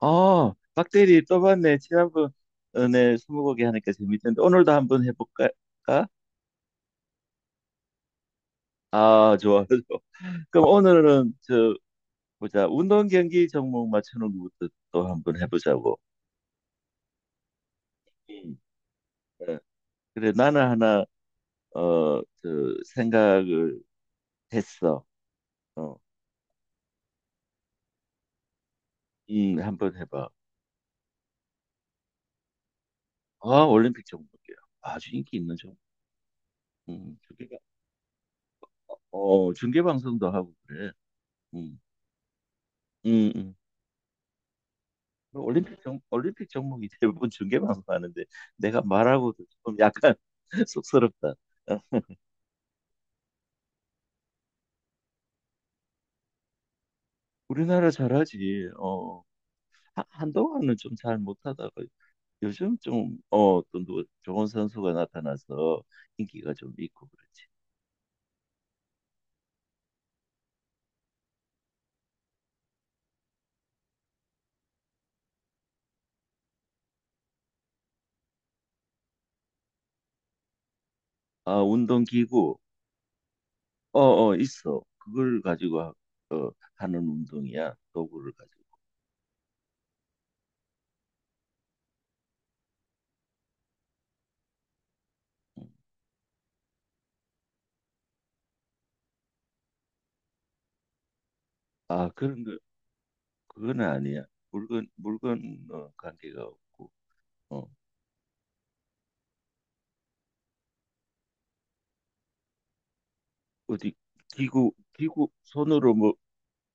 아, 박대리 또 봤네. 지난번에 스무고개 하니까 재밌던데 오늘도 한번 해볼까? 아, 좋아, 좋아. 그럼 오늘은 보자. 운동 경기 종목 맞추는 것부터 또 한번 해보자고. 음. 어, 그래, 나는 하나 어, 저 생각을 했어. 어, 한번 해봐. 아, 올림픽 종목이야. 아주 인기 있는 종목. 음, 중계, 중계 방송도 하고 그래. 음, 음, 음. 올림픽 종목이 대부분 중계방송 하는데 내가 말하고도 좀 약간 쑥스럽다. 어, 우리나라 잘하지. 한동안은 좀 잘 못하다가 요즘 좀, 또 좋은 선수가 나타나서 인기가 좀 있고 그렇지. 아, 운동기구. 있어. 그걸 가지고 어, 하는 운동이야. 도구를 가지고. 음. 아, 그건 아니야. 물건, 관계가 없고. 어. 어디 기구 기구 손으로 뭐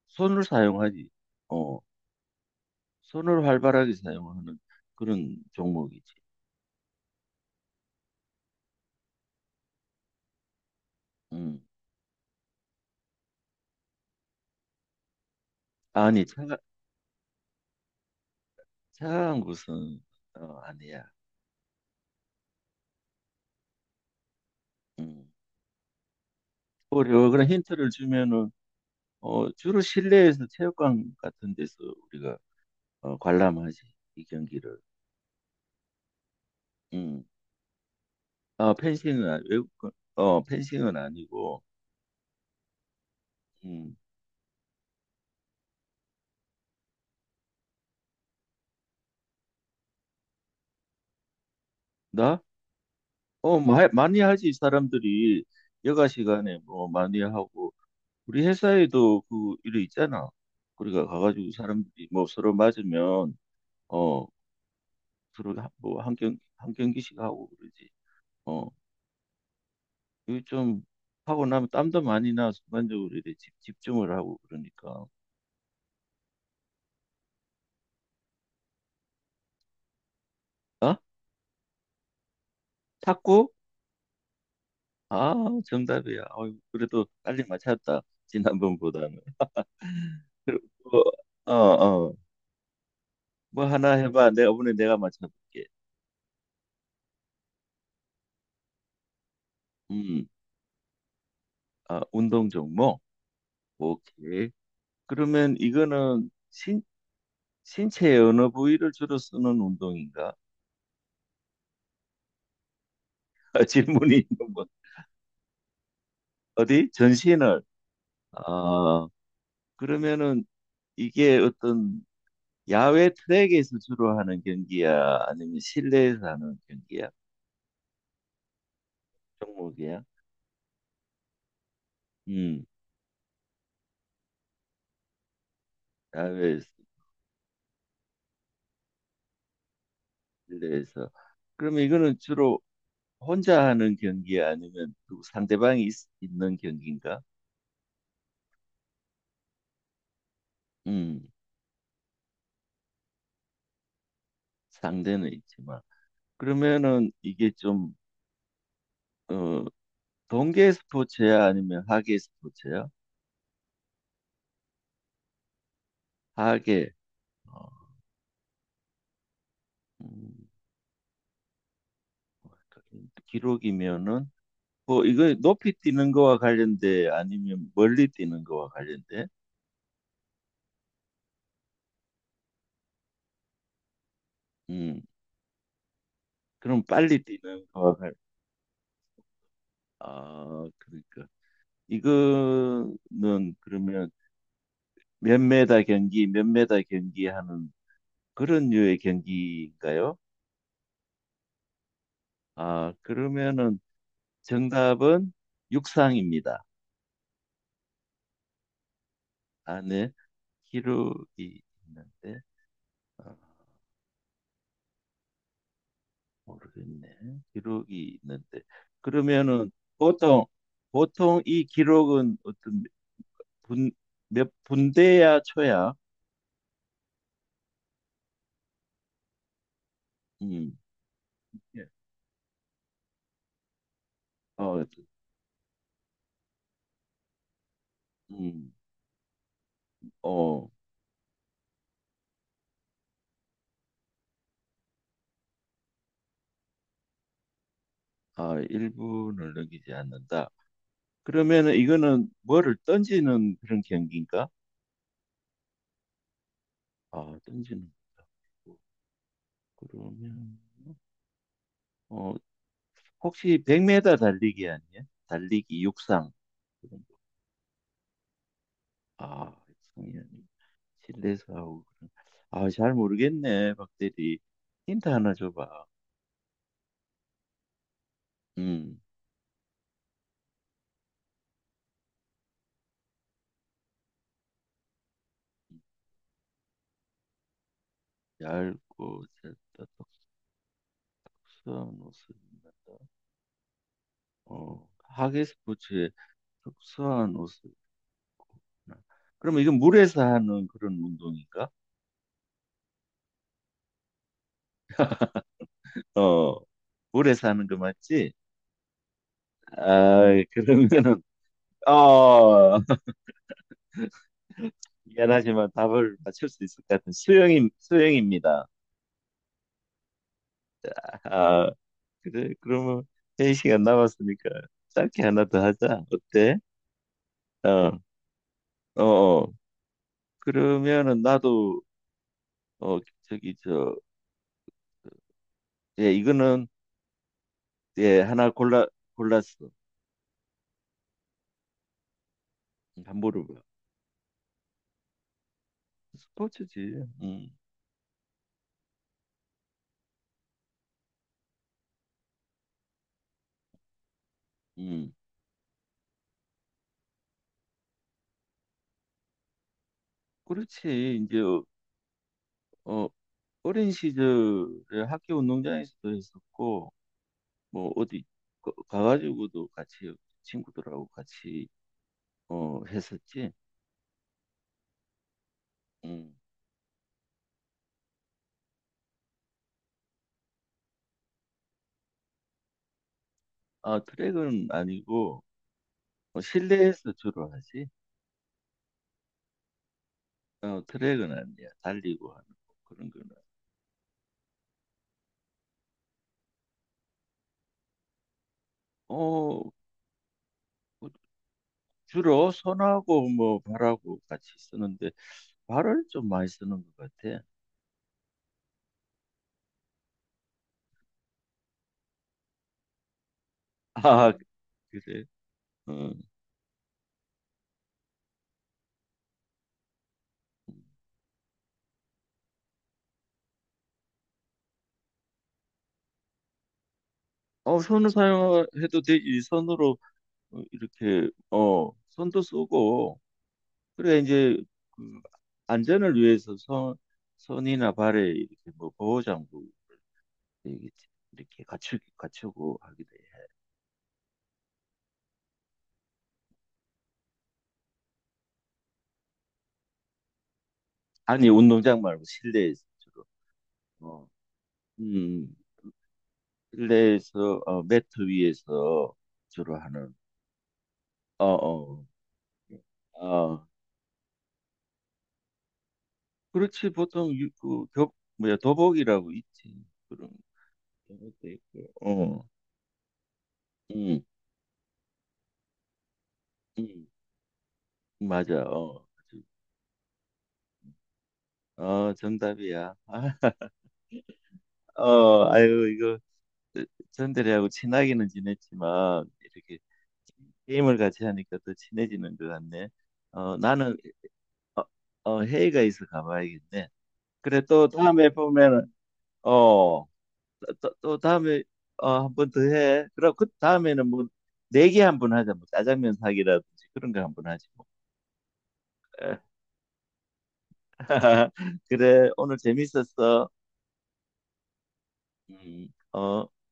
손을 사용하지. 어, 손을 활발하게 사용하는 그런 종목이지. 음. 아니, 차가운 곳은 아니야. 음. 어려워. 그런 힌트를 주면은 주로 실내에서 체육관 같은 데서 우리가 관람하지. 이 경기를. 음. 아, 펜싱은 아니- 외국 거- 어, 펜싱은 아니고. 음. 나? 많이 하지 사람들이 여가 시간에 뭐 많이 하고 우리 회사에도 그 일이 있잖아. 우리가 가가지고 사람들이 뭐 서로 맞으면 어 서로 하- 뭐 한경 한 경기씩 하고 그러지. 어 이거 좀 하고 나면 땀도 많이 나 순간적으로 이래 집중을 하고 그러니까. 어? 탁구? 아, 정답이야. 어이, 그래도 빨리 맞췄다. 지난번보다는. 어, 어, 어. 뭐 하나 해봐. 내가 오늘 내가 맞춰볼게. 음, 아, 운동 종목. 오케이. 그러면 이거는 신 신체의 어느 부위를 주로 쓰는 운동인가? 질문이 있는 분. 어디? 전신을. 아, 그러면은 이게 어떤 야외 트랙에서 주로 하는 경기야? 아니면 실내에서 하는 경기야? 종목이야? 음, 야외에서, 실내에서. 그러면 이거는 주로 혼자 하는 경기야? 아니면 누구 상대방이 있는 경기인가? 음, 상대는 있지만. 그러면은 이게 좀, 어, 동계 스포츠야? 아니면 하계 스포츠야? 하게. 어, 음, 기록이면은 뭐 이거 높이 뛰는 거와 관련돼 아니면 멀리 뛰는 거와 관련돼? 음, 그럼 빨리 뛰는 거와 관. 아, 그러니까 이거는 그러면 몇 메다 경기 하는 그런 류의 경기인가요? 아, 그러면은 정답은 육상입니다. 안에 기록이 있는데. 어. 모르겠네. 기록이 있는데. 그러면은 보통 보통 이 기록은 어떤 분, 몇 분대야 초야? 음. 예. 어, 음. 어, 아, 1분을 넘기지 않는다. 그러면은 이거는 뭐를 던지는 그런 경기인가? 아, 던지는 거 그러면 어, 혹시 100m 달리기 아니야? 달리기 육상. 그런 거. 아, 육상이 아니 실내에서 하고 그런. 아, 잘 모르겠네, 박대리. 힌트 하나 줘봐. 음, 얇고 짧다. 특수한 옷을 입는다. 하계 스포츠에 특수한 옷을 입고. 그럼 이건 물에서 하는 그런 운동인가? 어, 물에서 하는 거 맞지? 아, 그러면은 어, 미안하지만 답을 맞출 수 있을 것 같은 수영임 수영입니다. 아, 그래, 그러면 3시간 남았으니까 짧게 하나 더 하자. 어때? 어, 어, 어. 그러면은 나도 어 저기 저 예, 이거는 예, 하나 골라 골랐어. 한 물어봐. 스포츠지. 음. 음. 그렇지. 이제 어, 어린 시절에 학교 운동장에서도 했었고 뭐 어디 가가지고도 같이 친구들하고 같이 했었지. 음. 아, 트랙은 아니고 실내에서 주로 하지. 어, 트랙은 아니야. 달리고 하는 거, 그런 거는. 어, 뭐 주로 손하고 뭐 발하고 같이 쓰는데 발을 좀 많이 쓰는 것 같아. 아, 그래. 어, 손을 사용해도 되지. 손으로 이렇게 손도 쓰고 그래 이제 그 안전을 위해서 손 손이나 발에 이렇게 뭐 보호 장구 이렇게 갖추고 하게 돼. 아니 운동장 말고 실내에서. 어, 음, 실내에서 매트 위에서 주로 하는 어, 어, 아, 그렇지, 보통 뭐야, 도복이라고 있지, 그런 경우도 있고, 음, 음, 맞아, 어, 정답이야. 아, 아유, 이거 전대리하고 친하기는 지냈지만 이렇게 게임을 같이 하니까 더 친해지는 것 같네. 어, 나는 어, 회의가 있어 가봐야겠네. 그래 또 다음에 보면은 어또 또또 다음에 한 번 더 해. 그럼 그 다음에는 뭐 네 개 한 번 하자. 뭐 짜장면 사기라든지 그런 거 한 번 하지 뭐. 그래, 오늘 재밌었어. 어.